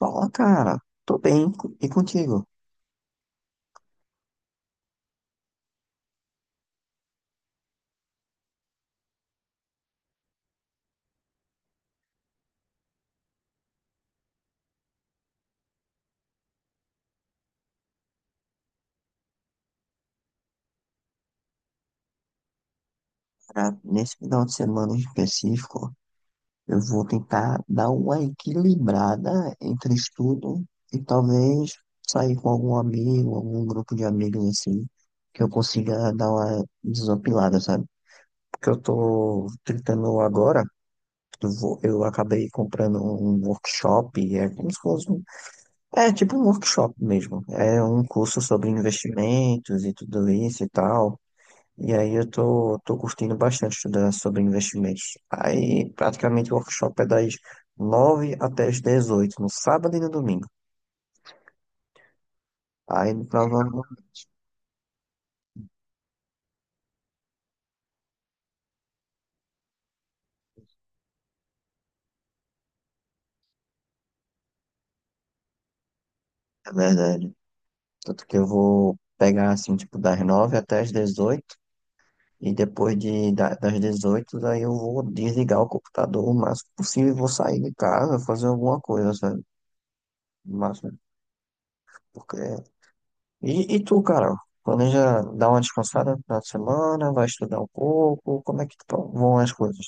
Fala, cara. Tô bem. E contigo? Cara, nesse final de semana em específico, eu vou tentar dar uma equilibrada entre estudo e talvez sair com algum amigo, algum grupo de amigos assim, que eu consiga dar uma desopilada, sabe? Porque eu tô tentando agora. Eu acabei comprando um workshop, é como se fosse um, é tipo um workshop mesmo. É um curso sobre investimentos e tudo isso e tal. E aí eu tô curtindo bastante estudar sobre investimentos. Aí praticamente o workshop é das 9h até as 18h no sábado e no domingo. Aí no final do ano, é verdade. Tanto que eu vou pegar assim, tipo, das 9h até as 18 e depois das 18h daí eu vou desligar o computador o máximo possível e vou sair de casa, fazer alguma coisa, sabe? O máximo, porque... E tu, Carol? Planeja dar uma descansada no final de semana, vai estudar um pouco, como é que vão as coisas?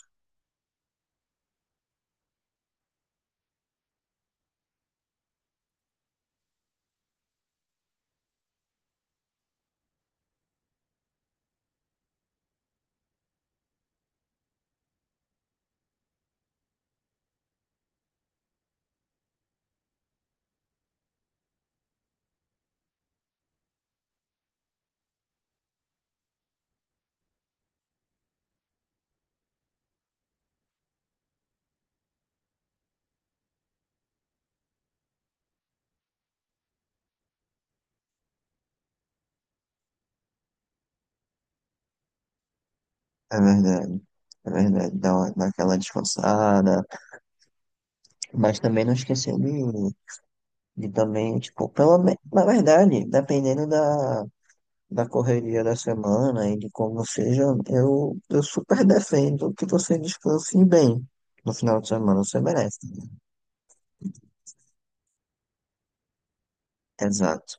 É verdade, é verdade, dá aquela descansada, mas também não esquecer de também, tipo, pela menos, na verdade, dependendo da correria da semana e de como seja, eu super defendo que você descanse bem no final de semana, você merece. Exato,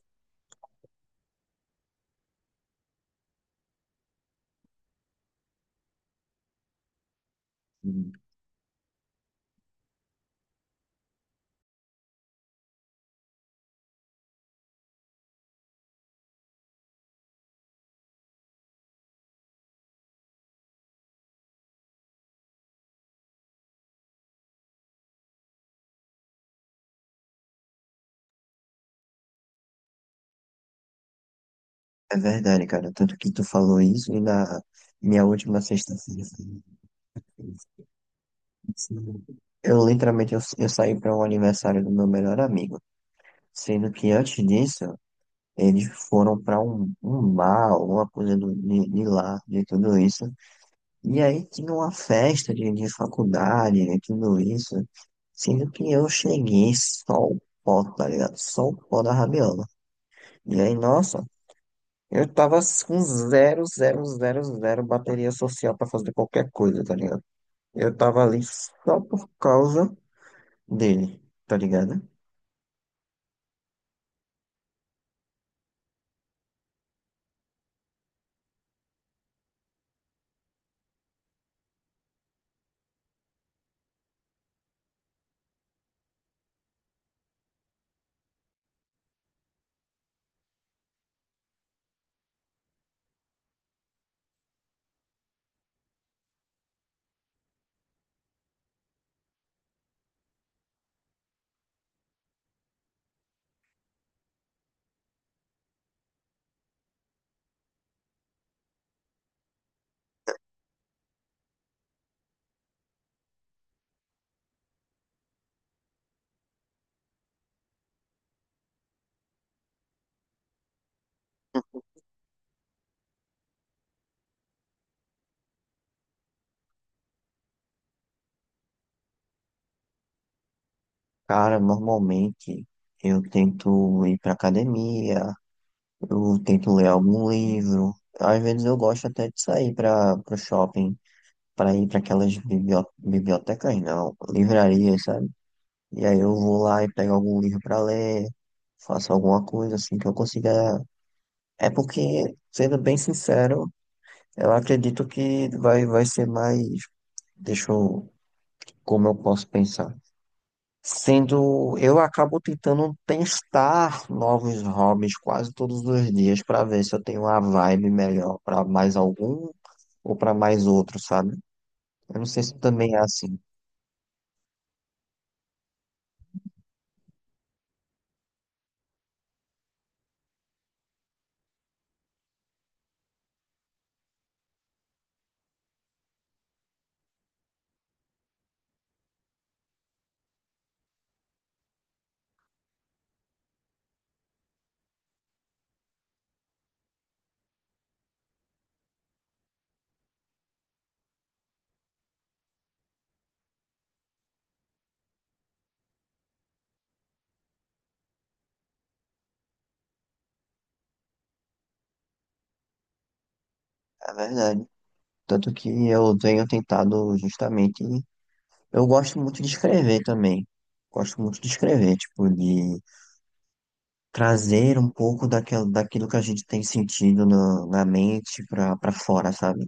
é verdade, cara, tanto que tu falou isso e na minha última sexta-feira, eu literalmente, eu saí para um aniversário do meu melhor amigo, sendo que antes disso, eles foram para um bar, alguma coisa de lá, de tudo isso. E aí tinha uma festa de faculdade, de tudo isso. Sendo que eu cheguei só o pó, tá ligado? Só o pó da rabiola. E aí, nossa, eu tava com zero, zero, zero, zero bateria social pra fazer qualquer coisa, tá ligado? Eu tava ali só por causa dele, tá ligado? Cara, normalmente eu tento ir pra academia. Eu tento ler algum livro. Às vezes eu gosto até de sair para o shopping, para ir para aquelas bibliotecas, não, livrarias, sabe? E aí eu vou lá e pego algum livro para ler, faço alguma coisa assim que eu consiga. É porque, sendo bem sincero, eu acredito que vai ser mais. Deixa eu. Como eu posso pensar? Sendo, eu acabo tentando testar novos hobbies quase todos os dias para ver se eu tenho uma vibe melhor para mais algum ou para mais outro, sabe? Eu não sei se também é assim, é verdade. Tanto que eu tenho tentado justamente. Eu gosto muito de escrever também. Gosto muito de escrever, tipo, de trazer um pouco daquilo, daquilo que a gente tem sentido na mente para fora, sabe?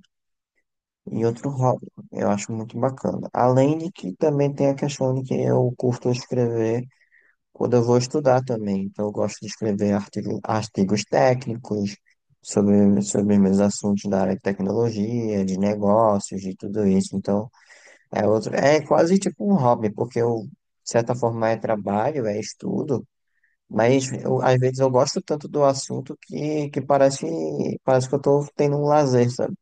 E outro hobby. Eu acho muito bacana. Além de que também tem a questão de que eu curto escrever quando eu vou estudar também. Então, eu gosto de escrever artigo, artigos técnicos sobre, sobre meus assuntos da área de tecnologia, de negócios, de tudo isso. Então, é outro, é quase tipo um hobby, porque eu, de certa forma, é trabalho, é estudo. Mas eu, às vezes eu gosto tanto do assunto que parece, parece que eu estou tendo um lazer, sabe?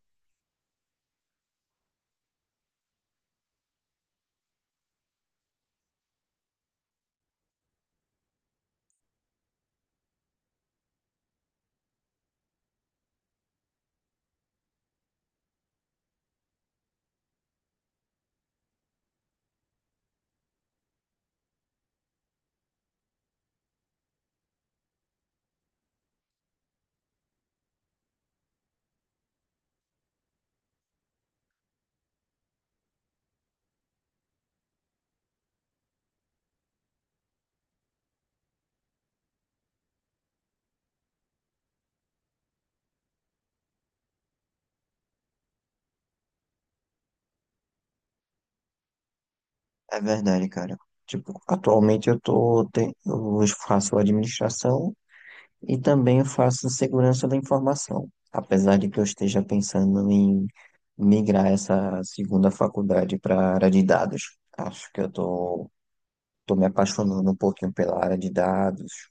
É verdade, cara. Tipo, atualmente eu faço administração e também faço segurança da informação. Apesar de que eu esteja pensando em migrar essa segunda faculdade para a área de dados. Acho que eu tô me apaixonando um pouquinho pela área de dados,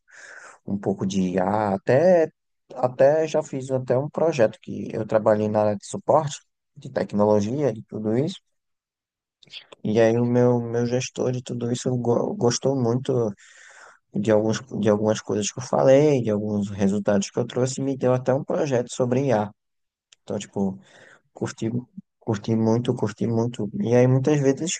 um pouco de IA, até já fiz até um projeto que eu trabalhei na área de suporte, de tecnologia, de tudo isso. E aí o meu gestor de tudo isso gostou muito de alguns, de algumas coisas que eu falei, de alguns resultados que eu trouxe, e me deu até um projeto sobre IA. Então, tipo, curti, curti muito, curti muito. E aí muitas vezes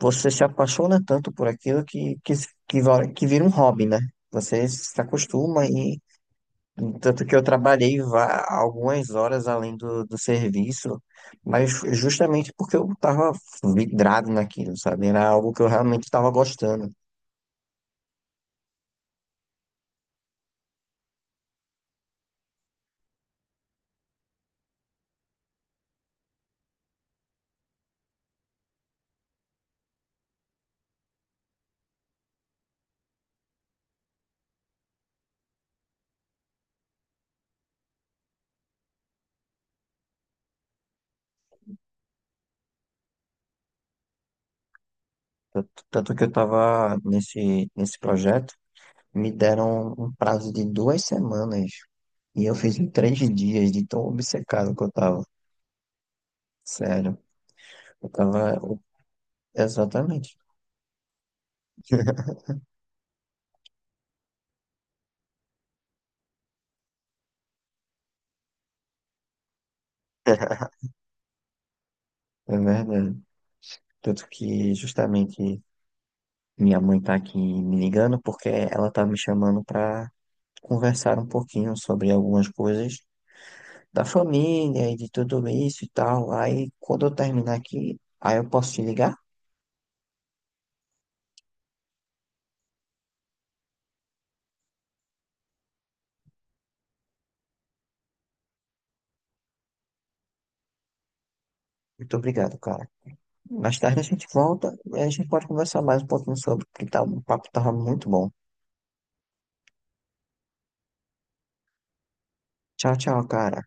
você se apaixona tanto por aquilo que vira um hobby, né? Você se acostuma e tanto que eu trabalhei algumas horas além do serviço, mas justamente porque eu estava vidrado naquilo, sabe? Era algo que eu realmente estava gostando. Tanto que eu estava nesse projeto, me deram um prazo de 2 semanas e eu fiz em 3 dias de tão obcecado que eu estava. Sério, eu estava. Exatamente. É verdade. Tanto que justamente minha mãe tá aqui me ligando porque ela tá me chamando pra conversaram um pouquinho sobre algumas coisas da família e de tudo isso e tal. Aí, quando eu terminar aqui, aí eu posso te ligar? Muito obrigado, cara. Mais tarde a gente volta e a gente pode conversar mais um pouquinho sobre, porque tá, o papo tava muito bom. Tchau, tchau, cara.